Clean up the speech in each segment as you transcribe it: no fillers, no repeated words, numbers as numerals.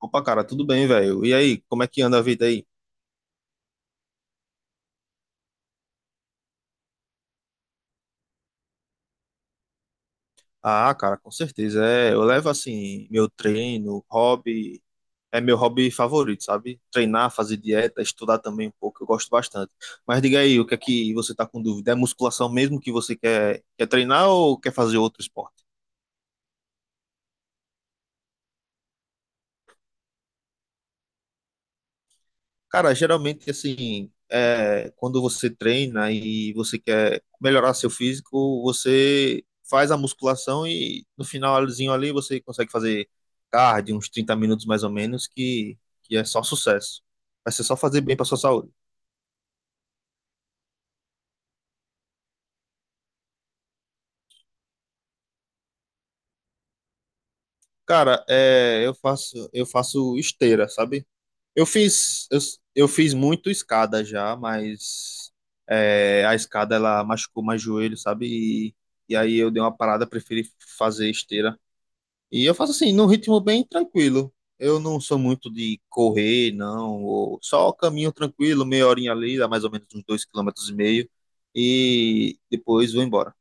Opa, cara, tudo bem, velho? E aí, como é que anda a vida aí? Ah, cara, com certeza. É, eu levo assim meu treino, hobby, é meu hobby favorito, sabe? Treinar, fazer dieta, estudar também um pouco, eu gosto bastante. Mas diga aí, o que é que você tá com dúvida? É musculação mesmo que você quer, quer treinar ou quer fazer outro esporte? Cara, geralmente, assim, é, quando você treina e você quer melhorar seu físico, você faz a musculação e no finalzinho ali você consegue fazer cardio, uns 30 minutos mais ou menos, que é só sucesso. Vai ser só fazer bem para sua saúde. Cara, é, eu faço esteira, sabe? Eu fiz, eu, eu fiz muito escada já, mas é, a escada ela machucou mais joelho, sabe? E, e aí eu dei uma parada, preferi fazer esteira. E eu faço assim, num ritmo bem tranquilo. Eu não sou muito de correr, não. ou só caminho tranquilo, meia horinha ali, dá mais ou menos uns dois quilômetros e meio. E depois vou embora.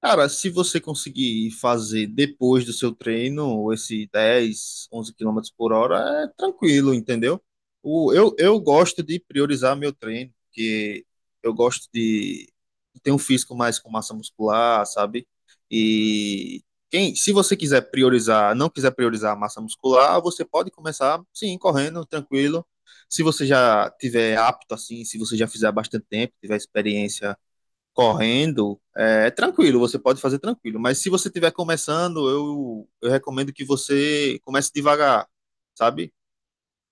Cara, se você conseguir fazer depois do seu treino esse 10, 11 quilômetros por hora, é tranquilo, entendeu? O, eu gosto de priorizar meu treino, porque eu gosto de ter um físico mais com massa muscular, sabe? E quem, se você quiser priorizar, não quiser priorizar a massa muscular, você pode começar, sim, correndo, tranquilo. Se você já tiver apto, assim, se você já fizer há bastante tempo, tiver experiência correndo, é tranquilo, você pode fazer tranquilo. Mas se você estiver começando, eu recomendo que você comece devagar, sabe?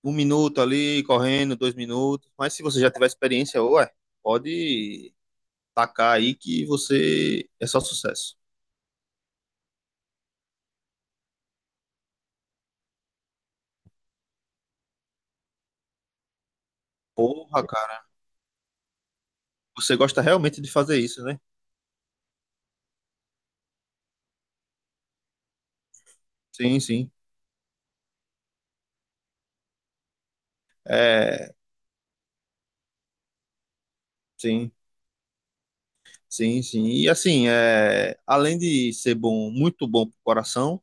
Um minuto ali, correndo, dois minutos. Mas se você já tiver experiência, ué, pode tacar aí que você é só sucesso. Porra, cara, você gosta realmente de fazer isso, né? Sim, sim. É, sim, sim, sim. E assim, é, além de ser bom, muito bom pro coração.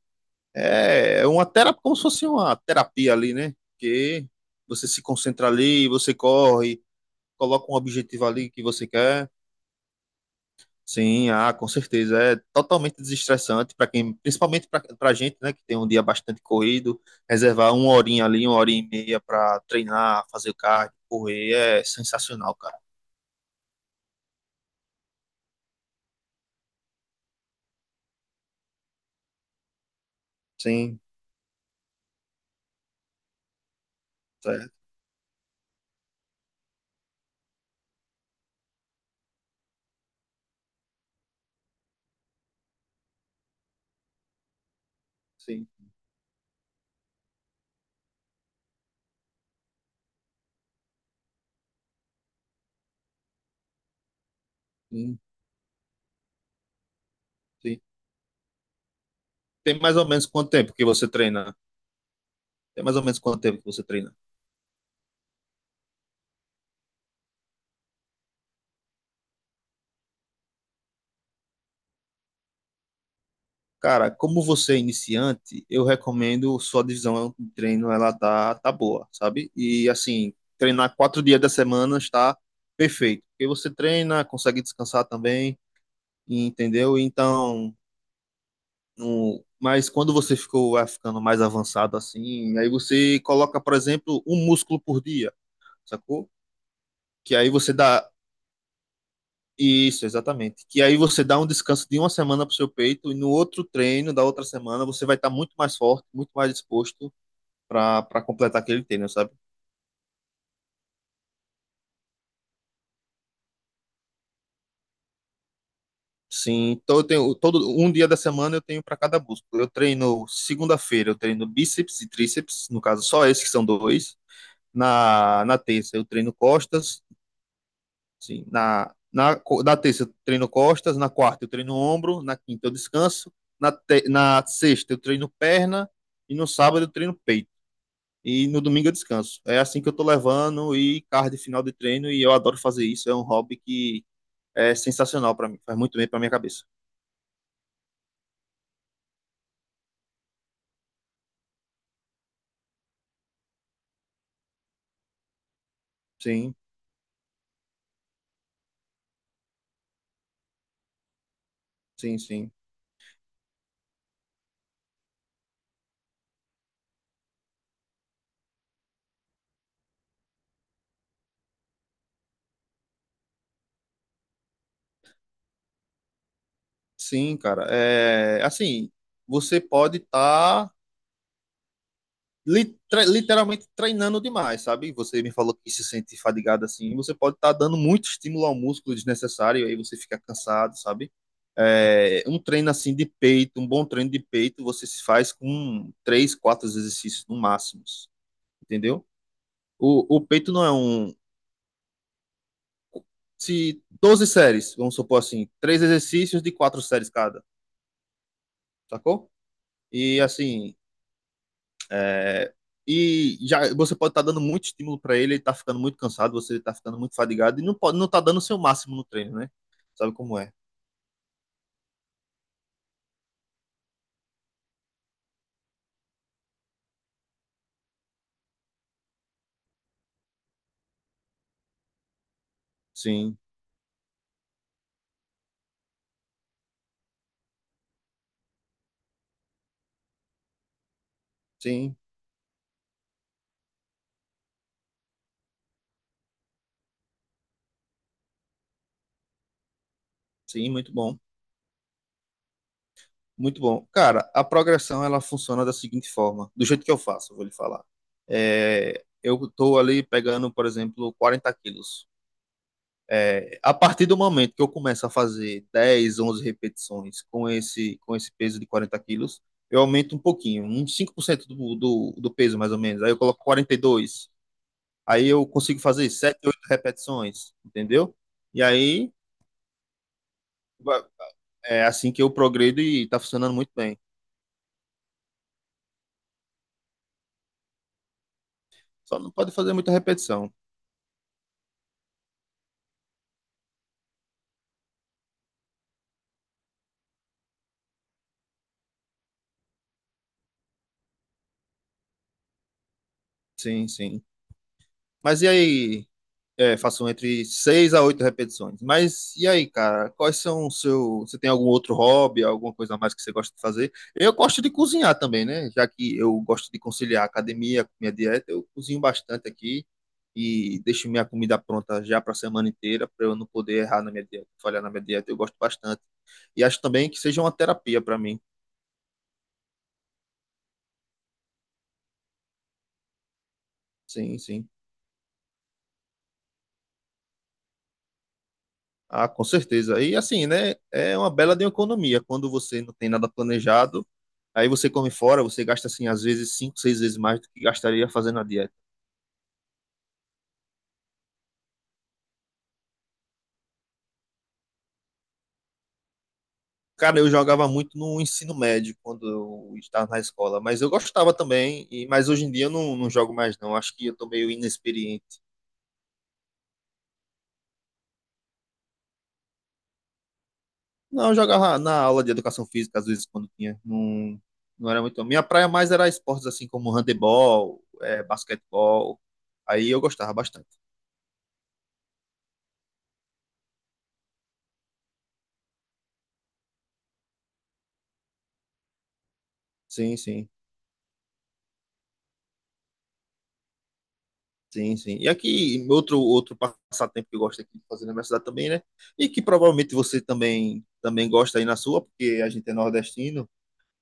É uma terapia, como se fosse uma terapia ali, né? Que você se concentra ali, você corre, coloca um objetivo ali que você quer. Sim, ah, com certeza. É totalmente desestressante para quem, principalmente para a gente, né, que tem um dia bastante corrido, reservar uma horinha ali, uma hora e meia para treinar, fazer cardio, correr, é sensacional, cara. Sim, certo, sim, sim, sim. Tem mais ou menos quanto tempo que você treina? Tem mais ou menos quanto tempo que você treina? Cara, como você é iniciante, eu recomendo sua divisão de treino, ela tá boa, sabe? E assim, treinar 4 dias da semana está perfeito. Porque você treina, consegue descansar também, entendeu? Então, no... mas quando você ficou vai ficando mais avançado assim, aí você coloca, por exemplo, um músculo por dia, sacou? Que aí você dá. Isso, exatamente. Que aí você dá um descanso de uma semana pro seu peito e no outro treino da outra semana você vai estar muito mais forte, muito mais disposto para completar aquele treino, sabe? Sim, então eu tenho todo um dia da semana eu tenho para cada músculo. Eu treino segunda-feira, eu treino bíceps e tríceps, no caso só esses que são dois. Na terça eu treino costas, sim, na terça eu treino costas, na quarta eu treino ombro, na quinta eu descanso, na sexta eu treino perna e no sábado eu treino peito. E no domingo eu descanso. É assim que eu tô levando e cardio final de treino e eu adoro fazer isso, é um hobby que é sensacional para mim, faz muito bem para minha cabeça. Sim, sim, sim. Sim, cara. É, assim, você pode estar literalmente treinando demais, sabe? Você me falou que se sente fadigado assim, você pode estar dando muito estímulo ao músculo desnecessário, aí você fica cansado, sabe? É, um treino assim de peito, um bom treino de peito, você se faz com três, quatro exercícios no máximo, entendeu? O peito não é um. Se 12 séries, vamos supor assim, três exercícios de quatro séries cada. Sacou? E assim, é, e já você pode estar dando muito estímulo para ele, ele tá ficando muito cansado, você tá ficando muito fadigado e não pode, não tá dando o seu máximo no treino, né? Sabe como é? Sim, sim, sim, muito bom. Muito bom. Cara, a progressão ela funciona da seguinte forma, do jeito que eu faço, eu vou lhe falar. É, eu tô ali pegando, por exemplo, 40 quilos. É, a partir do momento que eu começo a fazer 10, 11 repetições com esse peso de 40 quilos, eu aumento um pouquinho, uns 5% do peso mais ou menos. Aí eu coloco 42. Aí eu consigo fazer 7, 8 repetições, entendeu? E aí é assim que eu progredo e tá funcionando muito bem. Só não pode fazer muita repetição. Sim, sim. Mas e aí, é, faço entre seis a oito repetições. Mas e aí, cara? Quais são o seu. Você tem algum outro hobby, alguma coisa a mais que você gosta de fazer? Eu gosto de cozinhar também, né? Já que eu gosto de conciliar a academia com minha dieta, eu cozinho bastante aqui e deixo minha comida pronta já para a semana inteira, para eu não poder errar na minha dieta, falhar na minha dieta. Eu gosto bastante. E acho também que seja uma terapia para mim. Sim, sim. Ah, com certeza. E assim, né? É uma bela de uma economia. Quando você não tem nada planejado, aí você come fora, você gasta assim, às vezes, cinco, seis vezes mais do que gastaria fazendo a dieta. Cara, eu jogava muito no ensino médio quando eu estava na escola, mas eu gostava também, e, mas hoje em dia eu não jogo mais, não. Acho que eu tô meio inexperiente. Não, eu jogava na aula de educação física, às vezes, quando tinha. Não, não era muito. Minha praia mais era esportes assim como handebol, é, basquetebol. Aí eu gostava bastante. Sim, sim. Sim, sim. E aqui, outro passatempo que eu gosto aqui de fazer na minha cidade também, né? E que provavelmente você também gosta aí na sua, porque a gente é nordestino,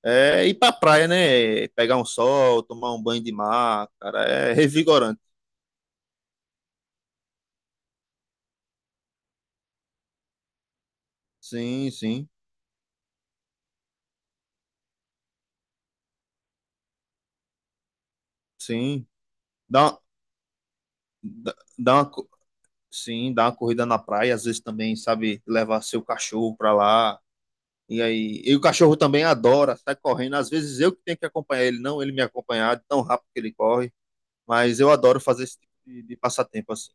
é ir pra praia, né? Pegar um sol, tomar um banho de mar, cara, é revigorante. Sim, sim, sim. Dá, uma- dá, dá uma, co- sim, dá uma corrida na praia, às vezes também, sabe, levar seu cachorro pra lá. E aí, e o cachorro também adora, sai correndo. Às vezes eu que tenho que acompanhar ele, não ele me acompanhar, de tão rápido que ele corre. Mas eu adoro fazer esse tipo de passatempo assim.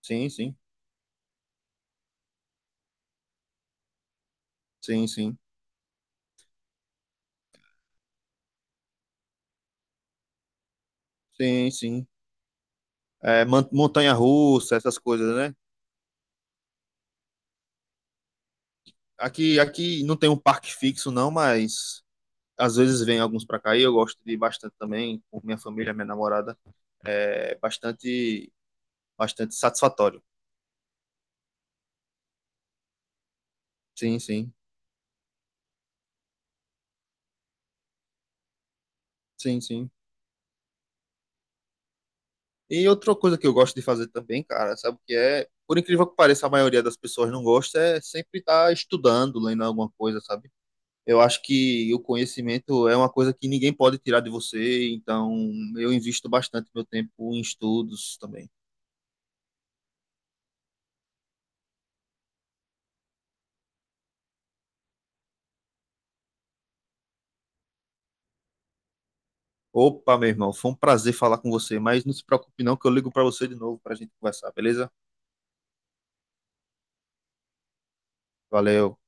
Sim, sim, sim, sim, sim, sim. É, montanha-russa, essas coisas, né? Aqui não tem um parque fixo, não, mas às vezes vem alguns para cá e eu gosto de ir bastante também, com minha família, minha namorada. É bastante, bastante satisfatório. Sim, sim, sim, sim. E outra coisa que eu gosto de fazer também, cara, sabe o que é? Por incrível que pareça, a maioria das pessoas não gosta, é sempre estar estudando, lendo alguma coisa, sabe? Eu acho que o conhecimento é uma coisa que ninguém pode tirar de você, então eu invisto bastante meu tempo em estudos também. Opa, meu irmão, foi um prazer falar com você, mas não se preocupe não que eu ligo para você de novo para a gente conversar, beleza? Valeu.